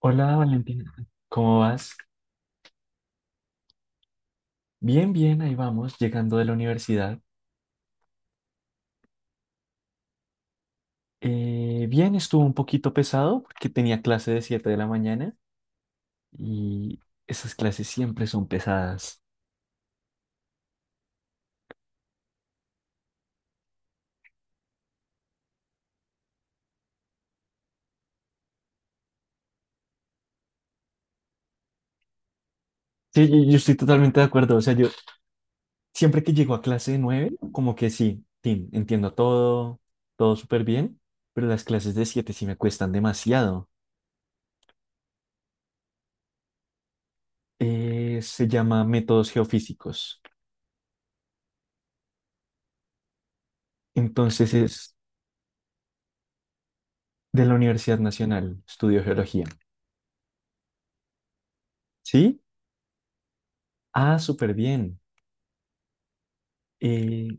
Hola Valentina, ¿cómo vas? Bien, bien, ahí vamos, llegando de la universidad. Bien, estuvo un poquito pesado porque tenía clase de 7 de la mañana y esas clases siempre son pesadas. Sí, yo estoy totalmente de acuerdo, o sea, yo siempre que llego a clase de 9 como que sí, Tim, entiendo todo, todo súper bien, pero las clases de 7 sí me cuestan demasiado. Se llama métodos geofísicos, entonces es de la Universidad Nacional, estudio geología. ¿Sí? Ah, súper bien. Eh,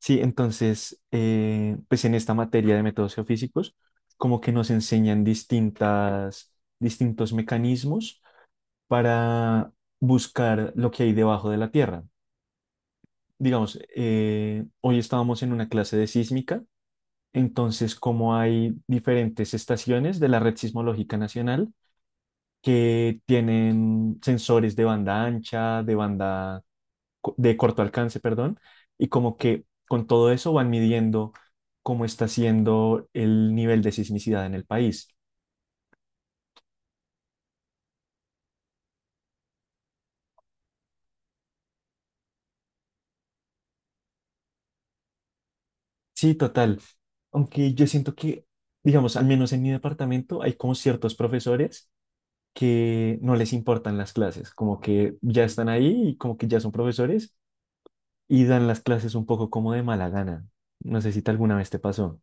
sí, entonces, pues en esta materia de métodos geofísicos, como que nos enseñan distintos mecanismos para buscar lo que hay debajo de la Tierra. Digamos, hoy estábamos en una clase de sísmica, entonces como hay diferentes estaciones de la Red Sismológica Nacional que tienen sensores de banda ancha, de banda de corto alcance, perdón, y como que con todo eso van midiendo cómo está siendo el nivel de sismicidad en el país. Sí, total. Aunque yo siento que, digamos, al menos en mi departamento hay como ciertos profesores que no les importan las clases, como que ya están ahí y como que ya son profesores y dan las clases un poco como de mala gana. No sé si alguna vez te pasó.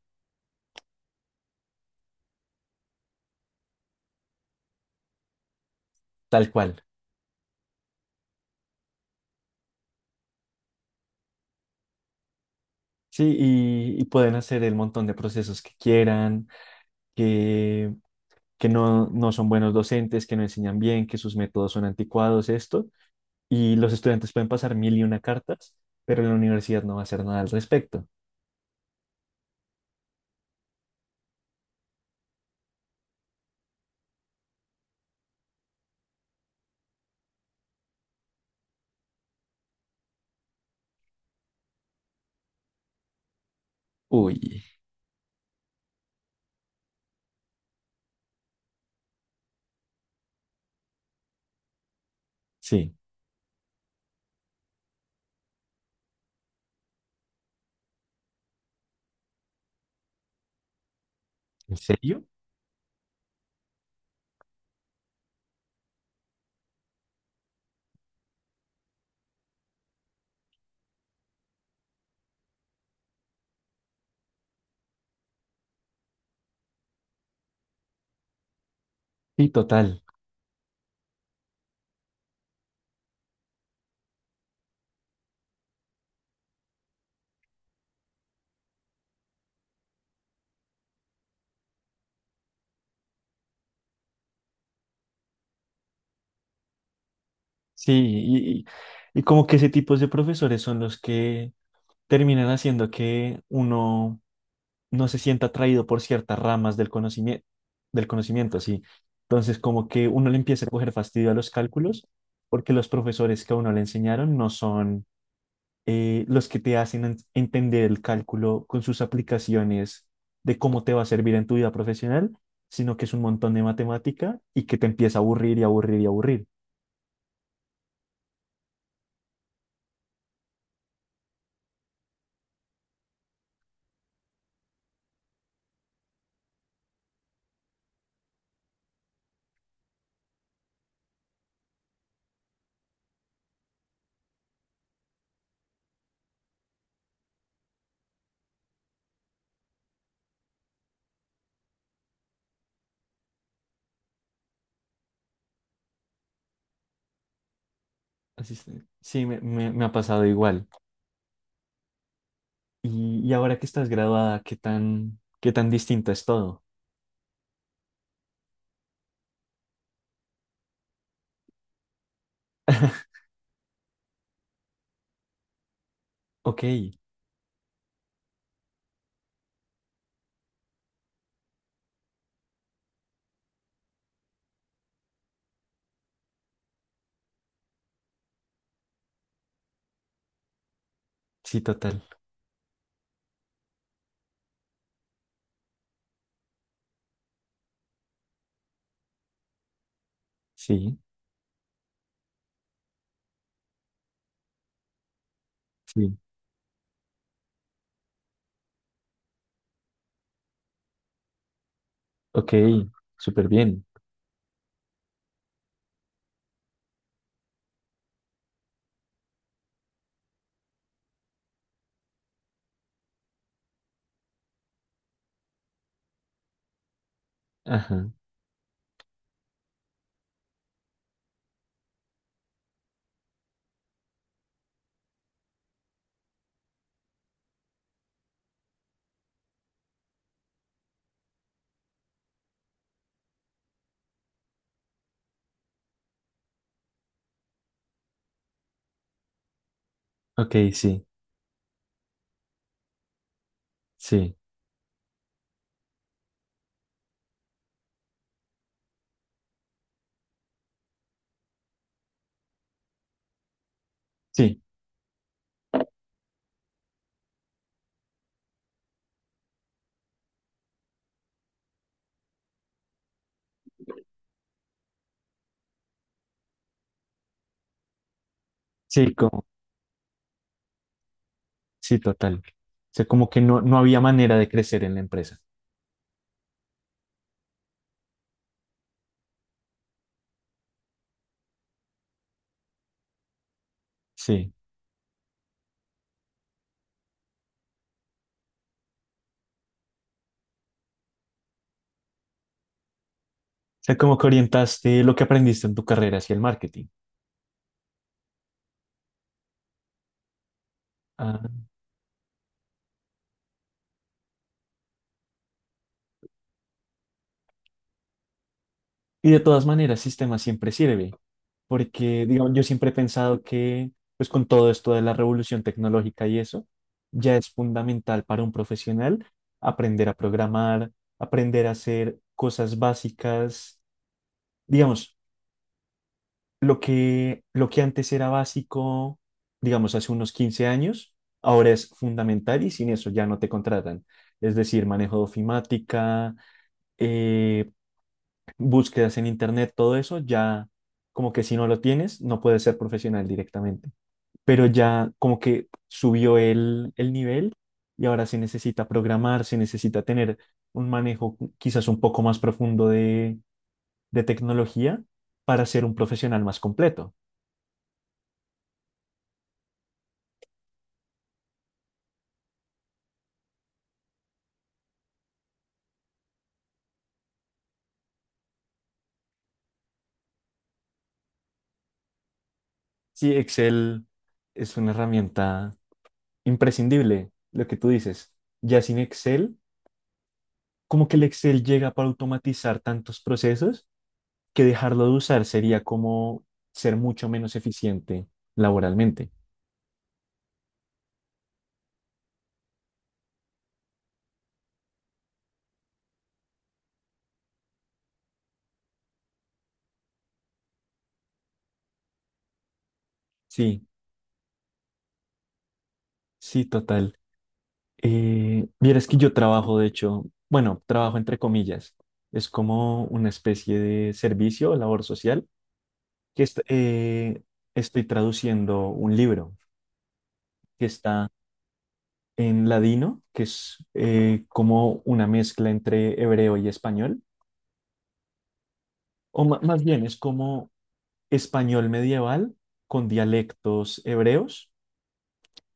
Tal cual. Sí, y pueden hacer el montón de procesos que quieran, que no son buenos docentes, que no enseñan bien, que sus métodos son anticuados, esto, y los estudiantes pueden pasar mil y una cartas, pero la universidad no va a hacer nada al respecto. Uy, sí. ¿En serio? Sí, total. Sí, y como que ese tipo de profesores son los que terminan haciendo que uno no se sienta atraído por ciertas ramas del conocimiento, sí. Entonces, como que uno le empieza a coger fastidio a los cálculos porque los profesores que a uno le enseñaron no son los que te hacen entender el cálculo con sus aplicaciones de cómo te va a servir en tu vida profesional, sino que es un montón de matemática y que te empieza a aburrir y aburrir y aburrir. Así es. Sí, me ha pasado igual. Y ahora que estás graduada, qué tan distinto es todo? Ok, sí, total. Sí, sí. Ok, súper bien. Ajá. Ok, sí, sí, sí, sí, como, sí, total. O sea, como que no, no había manera de crecer en la empresa. Sí. O sea, como que orientaste lo que aprendiste en tu carrera hacia el marketing. Ah, y de todas maneras, sistema siempre sirve, porque, digamos, yo siempre he pensado que, pues con todo esto de la revolución tecnológica y eso, ya es fundamental para un profesional aprender a programar, aprender a hacer cosas básicas, digamos, lo que antes era básico, digamos, hace unos 15 años, ahora es fundamental y sin eso ya no te contratan. Es decir, manejo de ofimática, eh, búsquedas en internet, todo eso, ya como que si no lo tienes, no puedes ser profesional directamente. Pero ya como que subió el nivel y ahora se necesita programar, se necesita tener un manejo quizás un poco más profundo de tecnología para ser un profesional más completo. Sí, Excel es una herramienta imprescindible, lo que tú dices. Ya sin Excel, como que el Excel llega para automatizar tantos procesos que dejarlo de usar sería como ser mucho menos eficiente laboralmente. Sí, sí, total. Vieras que yo trabajo, de hecho, bueno, trabajo entre comillas. Es como una especie de servicio o labor social que estoy traduciendo un libro que está en ladino, que es como una mezcla entre hebreo y español, o más bien es como español medieval con dialectos hebreos.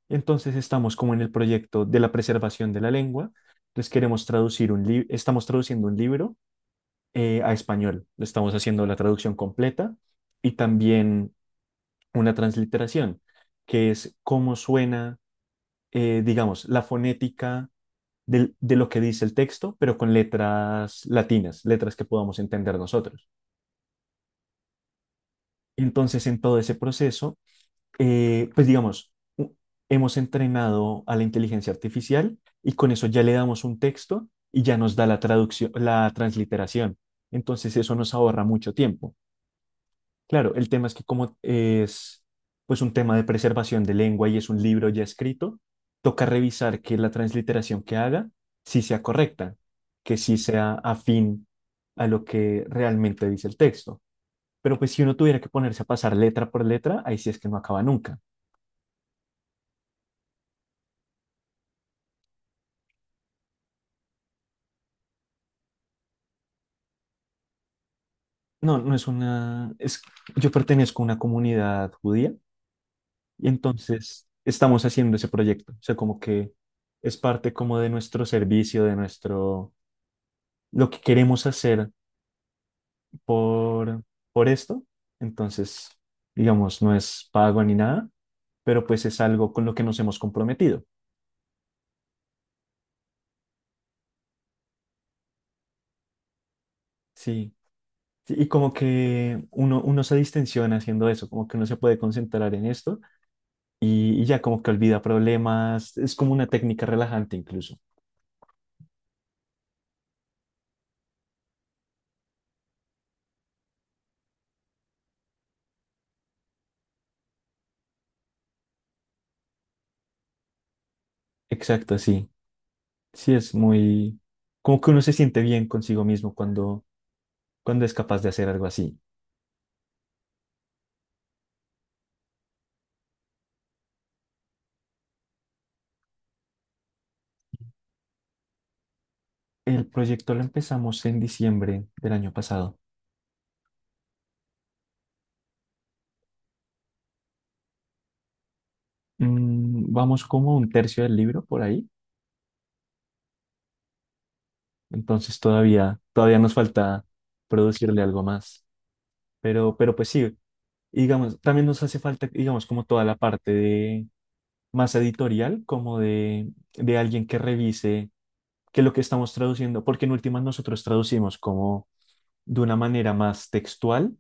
Entonces estamos como en el proyecto de la preservación de la lengua. Entonces queremos traducir un libro, estamos traduciendo un libro, a español. Estamos haciendo la traducción completa y también una transliteración, que es cómo suena, digamos, la fonética de lo que dice el texto, pero con letras latinas, letras que podamos entender nosotros. Entonces, en todo ese proceso, pues digamos, hemos entrenado a la inteligencia artificial y con eso ya le damos un texto y ya nos da la traducción, la transliteración. Entonces eso nos ahorra mucho tiempo. Claro, el tema es que como es pues un tema de preservación de lengua y es un libro ya escrito, toca revisar que la transliteración que haga sí sea correcta, que sí sea afín a lo que realmente dice el texto. Pero pues si uno tuviera que ponerse a pasar letra por letra, ahí sí es que no acaba nunca. No, no es una, es, yo pertenezco a una comunidad judía y entonces estamos haciendo ese proyecto. O sea, como que es parte como de nuestro servicio, de nuestro, lo que queremos hacer por, por esto. Entonces, digamos, no es pago ni nada, pero pues es algo con lo que nos hemos comprometido. Sí. Sí, y como que uno se distensiona haciendo eso, como que uno se puede concentrar en esto y ya como que olvida problemas, es como una técnica relajante incluso. Exacto, sí. Sí, es muy... Como que uno se siente bien consigo mismo cuando, cuando es capaz de hacer algo así. El proyecto lo empezamos en diciembre del año pasado. Mm, vamos como un tercio del libro por ahí. Entonces todavía nos falta producirle algo más. Pero pues sí, digamos, también nos hace falta, digamos, como toda la parte de más editorial, como de alguien que revise. Que lo que estamos traduciendo, porque en últimas nosotros traducimos como de una manera más textual,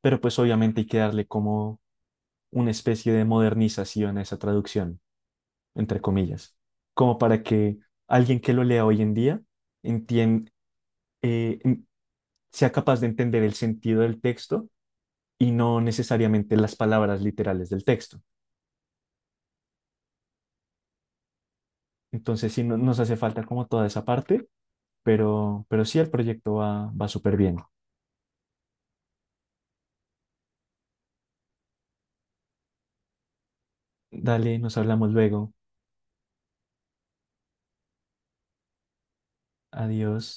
pero pues obviamente hay que darle como una especie de modernización a esa traducción, entre comillas, como para que alguien que lo lea hoy en día entien- eh, en- sea capaz de entender el sentido del texto y no necesariamente las palabras literales del texto. Entonces sí nos hace falta como toda esa parte, pero sí el proyecto va, va súper bien. Dale, nos hablamos luego. Adiós.